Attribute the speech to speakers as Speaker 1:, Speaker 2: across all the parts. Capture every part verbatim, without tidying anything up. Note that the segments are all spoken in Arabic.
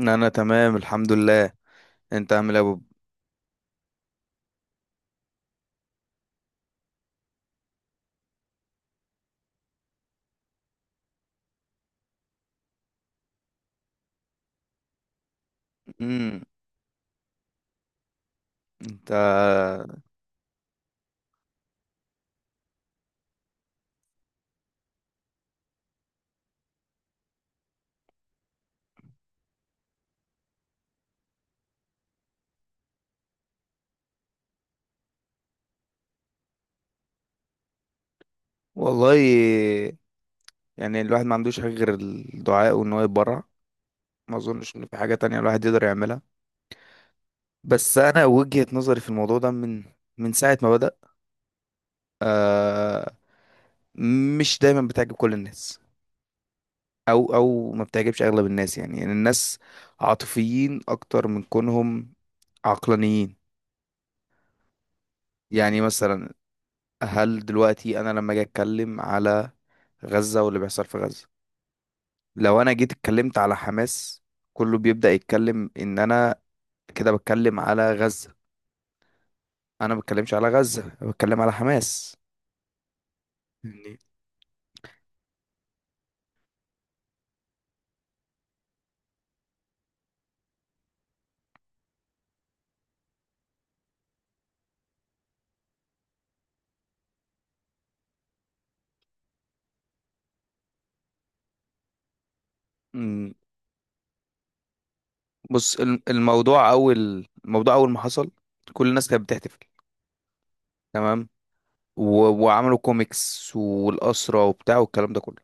Speaker 1: انا تمام، الحمد لله. انت عامل ايه يا بوب؟ امم انت والله، يعني الواحد ما عندوش حاجه غير الدعاء وان هو يتبرع. ما اظنش ان في حاجه تانية الواحد يقدر يعملها. بس انا وجهة نظري في الموضوع ده من من ساعه ما بدأ آه مش دايما بتعجب كل الناس، او او ما بتعجبش اغلب الناس، يعني, يعني الناس عاطفيين اكتر من كونهم عقلانيين. يعني مثلا، هل دلوقتي انا لما اجي اتكلم على غزة واللي بيحصل في غزة، لو انا جيت اتكلمت على حماس كله بيبدأ يتكلم ان انا كده بتكلم على غزة. انا ما بتكلمش على غزة، أنا بتكلم على حماس يعني. أمم، بص، الم- الموضوع اول الموضوع اول ما حصل كل الناس كانت بتحتفل، تمام، و- وعملوا كوميكس والأسرة وبتاع والكلام ده كله.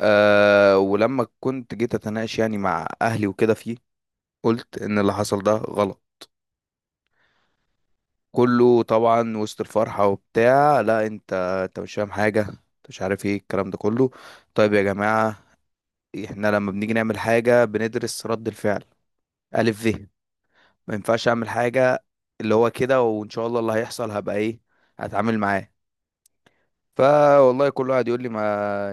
Speaker 1: أه ولما كنت جيت اتناقش يعني مع اهلي وكده فيه، قلت ان اللي حصل ده غلط. كله طبعا وسط الفرحة وبتاع، لا انت، انت مش فاهم حاجة، انت مش عارف ايه الكلام ده كله. طيب يا جماعة، احنا لما بنيجي نعمل حاجة بندرس رد الفعل. ألف ف ما ينفعش اعمل حاجة اللي هو كده، وان شاء الله اللي هيحصل هبقى ايه، هتعامل معاه. فوالله كل واحد يقول لي ما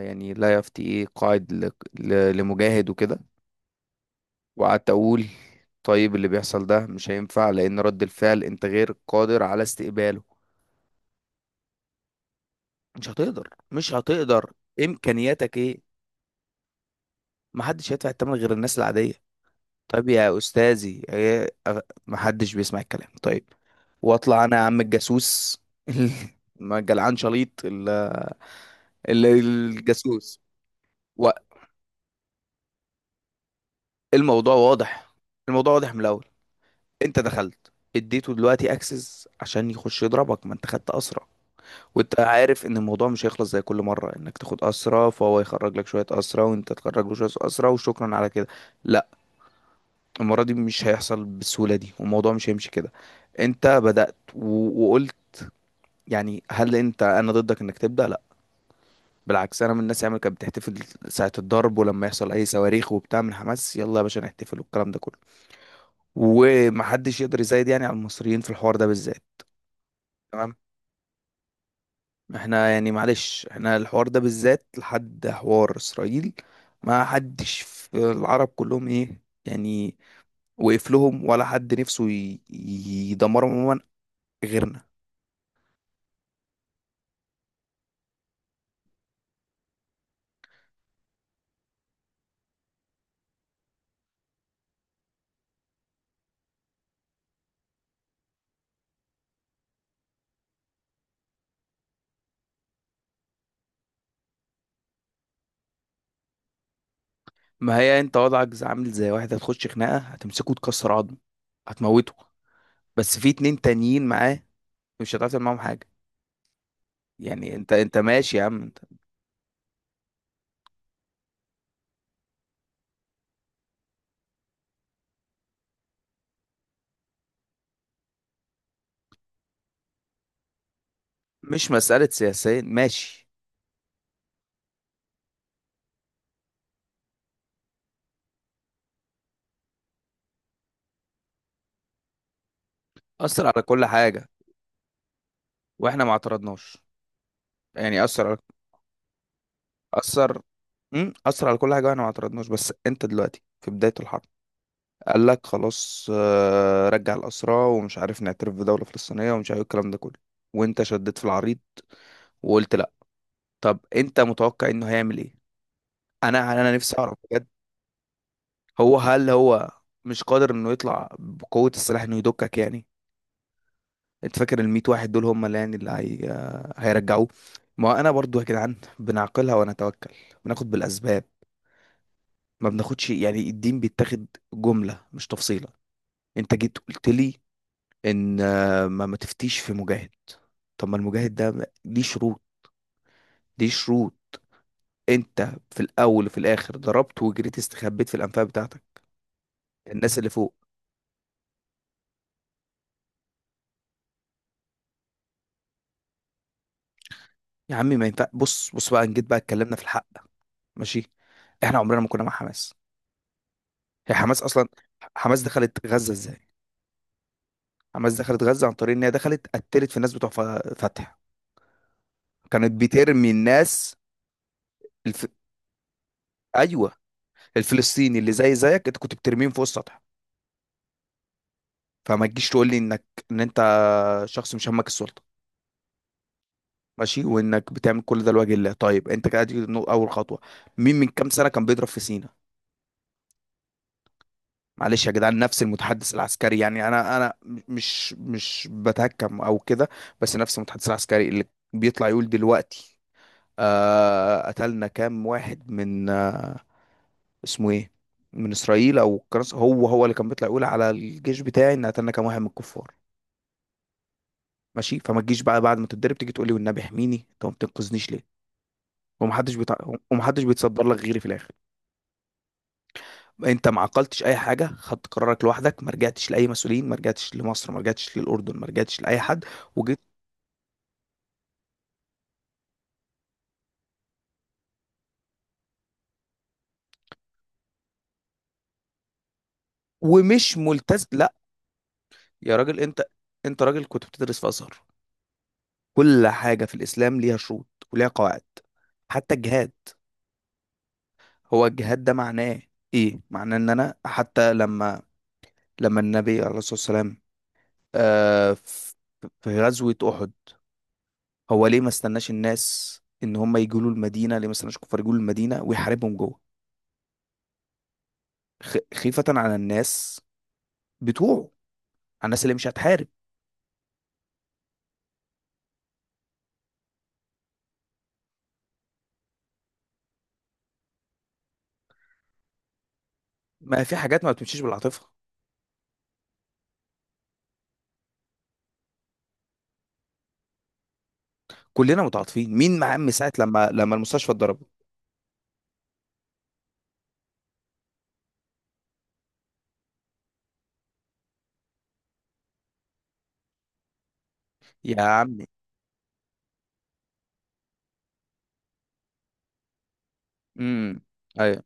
Speaker 1: يعني لا يفتي ايه قاعد ل- ل- لمجاهد وكده. وقعدت اقول، طيب اللي بيحصل ده مش هينفع لان رد الفعل انت غير قادر على استقباله. مش هتقدر، مش هتقدر. امكانياتك ايه؟ محدش هيدفع الثمن غير الناس العاديه. طيب يا استاذي، إيه؟ أغ- محدش بيسمع الكلام، طيب. واطلع انا يا عم الجاسوس. ما جلعان شليط ال- ال- الجاسوس. والموضوع واضح، الموضوع واضح من الاول. انت دخلت اديته دلوقتي اكسس عشان يخش يضربك، ما انت خدت اسرى. وانت عارف ان الموضوع مش هيخلص زي كل مره انك تاخد اسرى، فهو يخرج لك شويه اسرى وانت تخرج له شويه اسرى وشكرا على كده. لا، المرة دي مش هيحصل بالسهولة دي والموضوع مش هيمشي كده. انت بدأت و... وقلت، يعني هل انت انا ضدك انك تبدأ؟ لا، بالعكس، انا من الناس اللي كانت بتحتفل ساعة الضرب. ولما يحصل اي صواريخ وبتاع من حماس يلا يا باشا نحتفل والكلام ده كله. ومحدش يقدر يزايد يعني على المصريين في الحوار ده بالذات، تمام. احنا يعني معلش احنا الحوار ده بالذات لحد حوار اسرائيل ما حدش في العرب كلهم ايه يعني وقف لهم، ولا حد نفسه ي- يدمرهم عموما غيرنا. ما هي انت وضعك زي- عامل زي واحد هتخش خناقه هتمسكه تكسر عظمه هتموته، بس في اتنين تانيين معاه مش هتعرف تعمل معاهم حاجه. يعني انت انت ماشي يا عم انت. مش مساله سياسيه، ماشي. اثر على كل حاجه واحنا ما اعترضناش. يعني اثر على اثر امم اثر على كل حاجه واحنا ما اعترضناش، بس انت دلوقتي في بدايه الحرب قال لك خلاص، آه، رجع الاسرى ومش عارف نعترف بدوله فلسطينيه ومش عارف إيه الكلام ده كله. وانت شديت في العريض وقلت لا. طب انت متوقع انه هيعمل ايه؟ انا انا نفسي اعرف بجد. هو هل هو مش قادر انه يطلع بقوة السلاح انه يدكك يعني؟ انت فاكر ال مية واحد دول هم اللي يعني اللي هي... هيرجعوه؟ ما انا برضو يا جدعان بنعقلها ونتوكل، بناخد بالاسباب. ما بناخدش يعني الدين، بيتاخد جملة مش تفصيلة. انت جيت قلت لي ان آه، ما ما تفتيش في مجاهد. طب ما المجاهد ده ليه شروط، ليه شروط. انت في الاول وفي الاخر ضربت وجريت استخبيت في الانفاق بتاعتك، الناس اللي فوق. يا عمي ما ينفع، بص بص بقى نجيت بقى اتكلمنا في الحق. ماشي، احنا عمرنا ما كنا مع حماس. هي حماس اصلا، حماس دخلت غزة ازاي؟ حماس دخلت غزة عن طريق ان هي دخلت قتلت في الناس بتوع ف- فتح. كانت بترمي الناس. الف... ايوه، الفلسطيني اللي زي زيك انت كنت بترميهم فوق السطح. فما تجيش تقول لي انك ان انت شخص مش همك السلطة، ماشي، وانك بتعمل كل ده لوجه الله. طيب، انت كده دي نو- اول خطوة. مين من كام سنة كان بيضرب في سينا؟ معلش يا جدعان، نفس المتحدث العسكري، يعني انا انا مش مش بتهكم او كده، بس نفس المتحدث العسكري اللي بيطلع يقول دلوقتي آه قتلنا كام واحد من آه اسمه ايه من اسرائيل او كرس، هو هو اللي كان بيطلع يقول على الجيش بتاعي ان قتلنا كام واحد من الكفار. ماشي، فما تجيش بقى بعد ما تتضرب تيجي تقول لي، والنبي احميني انت ما بتنقذنيش ليه؟ ومحدش بيتع... ومحدش بيتصدر لك غيري في الاخر. انت ما عقلتش اي حاجه، خدت قرارك لوحدك، ما رجعتش لاي مسؤولين، ما رجعتش لمصر، ما رجعتش للاردن، ما رجعتش لاي حد وجيت، ومش ملتزم. لا يا راجل انت، انت راجل كنت بتدرس في ازهر، كل حاجه في الاسلام ليها شروط وليها قواعد، حتى الجهاد. هو الجهاد ده معناه ايه؟ معناه ان انا حتى لما لما النبي عليه الصلاه والسلام، آه في في غزوه احد، هو ليه ما استناش الناس ان هم يجوا له المدينه، ليه ما استناش الكفار يجوا له المدينه ويحاربهم جوه؟ خ- خيفة على الناس بتوعه، على الناس اللي مش هتحارب. ما في حاجات ما بتمشيش بالعاطفه. كلنا متعاطفين، مين مع عم ساعه لما لما المستشفى اتضربت؟ يا عمي. امم ايوه،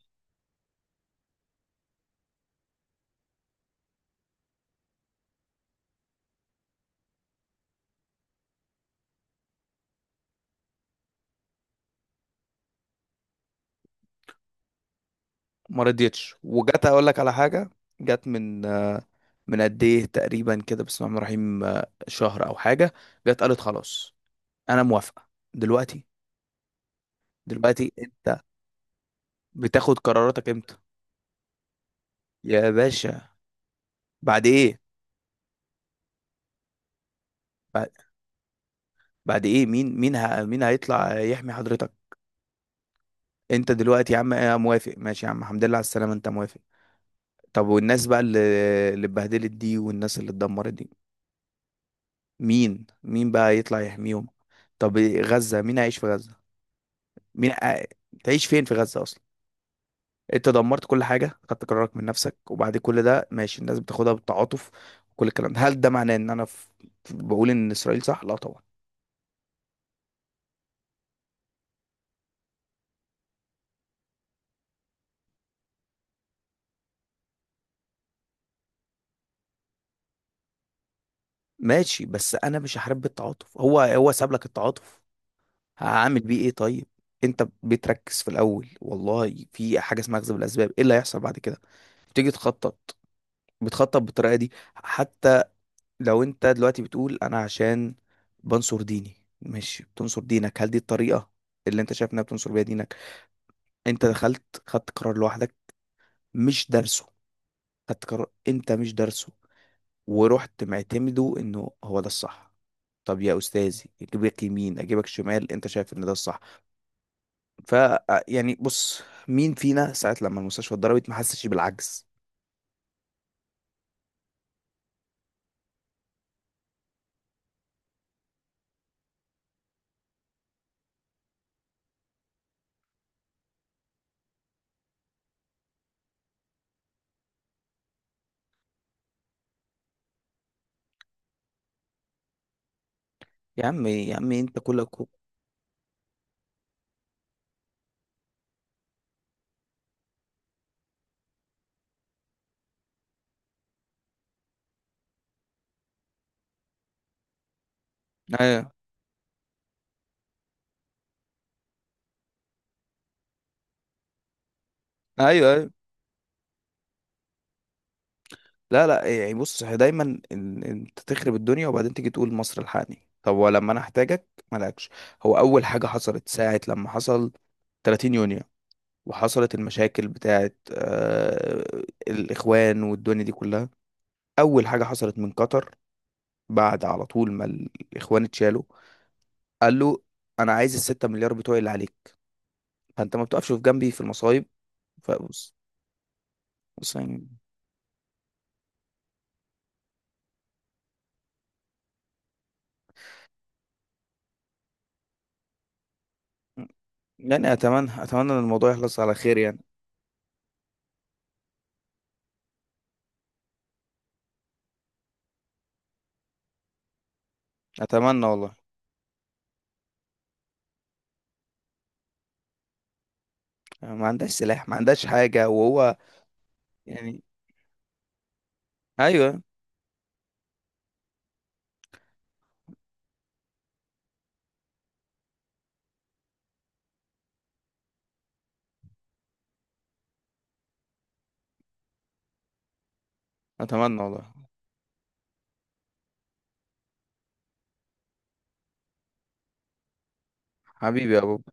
Speaker 1: ما رضيتش. وجت اقول لك على حاجه، جت من من قد ايه تقريبا كده، بسم الله الرحمن الرحيم، آه، شهر او حاجه. جت قالت خلاص انا موافقه دلوقتي. دلوقتي انت بتاخد قراراتك امتى يا باشا؟ بعد ايه؟ بعد بعد ايه؟ مين مين ه... مين هيطلع يحمي حضرتك؟ انت دلوقتي يا عم آه، موافق، ماشي يا عم، الحمد لله على السلامه، انت موافق. طب والناس بقى اللي اللي اتبهدلت دي، والناس اللي اتدمرت دي، مين مين بقى يطلع يحميهم؟ طب غزة مين هيعيش في غزة؟ مين ع- تعيش فين في غزة اصلا؟ انت دمرت كل حاجة، خدت قرارك من نفسك، وبعد كل ده ماشي الناس بتاخدها بالتعاطف. وكل الكلام ده هل ده معناه ان انا في... بقول ان اسرائيل صح؟ لا طبعا. ماشي، بس انا مش هحارب بالتعاطف. هو هو ساب لك التعاطف، هعمل بيه ايه طيب؟ انت بتركز في الاول والله في حاجة اسمها اخذ بالاسباب. ايه اللي هيحصل بعد كده؟ تيجي تخطط بتخطط بالطريقه دي؟ حتى لو انت دلوقتي بتقول انا عشان بنصر ديني مش بتنصر دينك. هل دي الطريقه اللي انت شايف انها بتنصر بيها دينك؟ انت دخلت، خدت قرار لوحدك مش دارسه، خدت قرار انت مش دارسه، ورحت معتمده انه هو ده الصح. طب يا استاذي اجيبك يمين اجيبك شمال انت شايف ان ده الصح. ف آه، يعني بص، مين فينا ساعه لما المستشفى اتضربت ما حسش بالعجز؟ يا عم يا عم انت كلك. ايوه، ايوه. لا، لا، يعني بص، هي دايما إن- انت تخرب الدنيا وبعدين تيجي تقول مصر الحقني، طب ولما انا احتاجك مالكش. هو اول حاجه حصلت ساعه لما حصل 30 يونيو وحصلت المشاكل بتاعت آه الاخوان والدنيا دي كلها، اول حاجه حصلت من قطر. بعد على طول ما الاخوان اتشالوا قال له، انا عايز الستة مليار بتوعي اللي عليك. فانت ما بتقفش في جنبي في المصايب. فبص، بص يعني، يعني اتمنى اتمنى ان الموضوع يخلص على خير يعني. اتمنى والله. ما عندهاش سلاح ما عندهاش حاجة وهو يعني. أيوة. أتمنى والله. حبيبي يا بوب،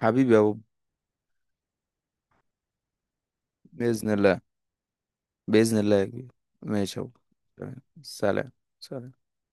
Speaker 1: حبيبي يا بوب. بإذن الله، بإذن الله يا كبير. ماشي يا بوب. تمام. سلام. سلام.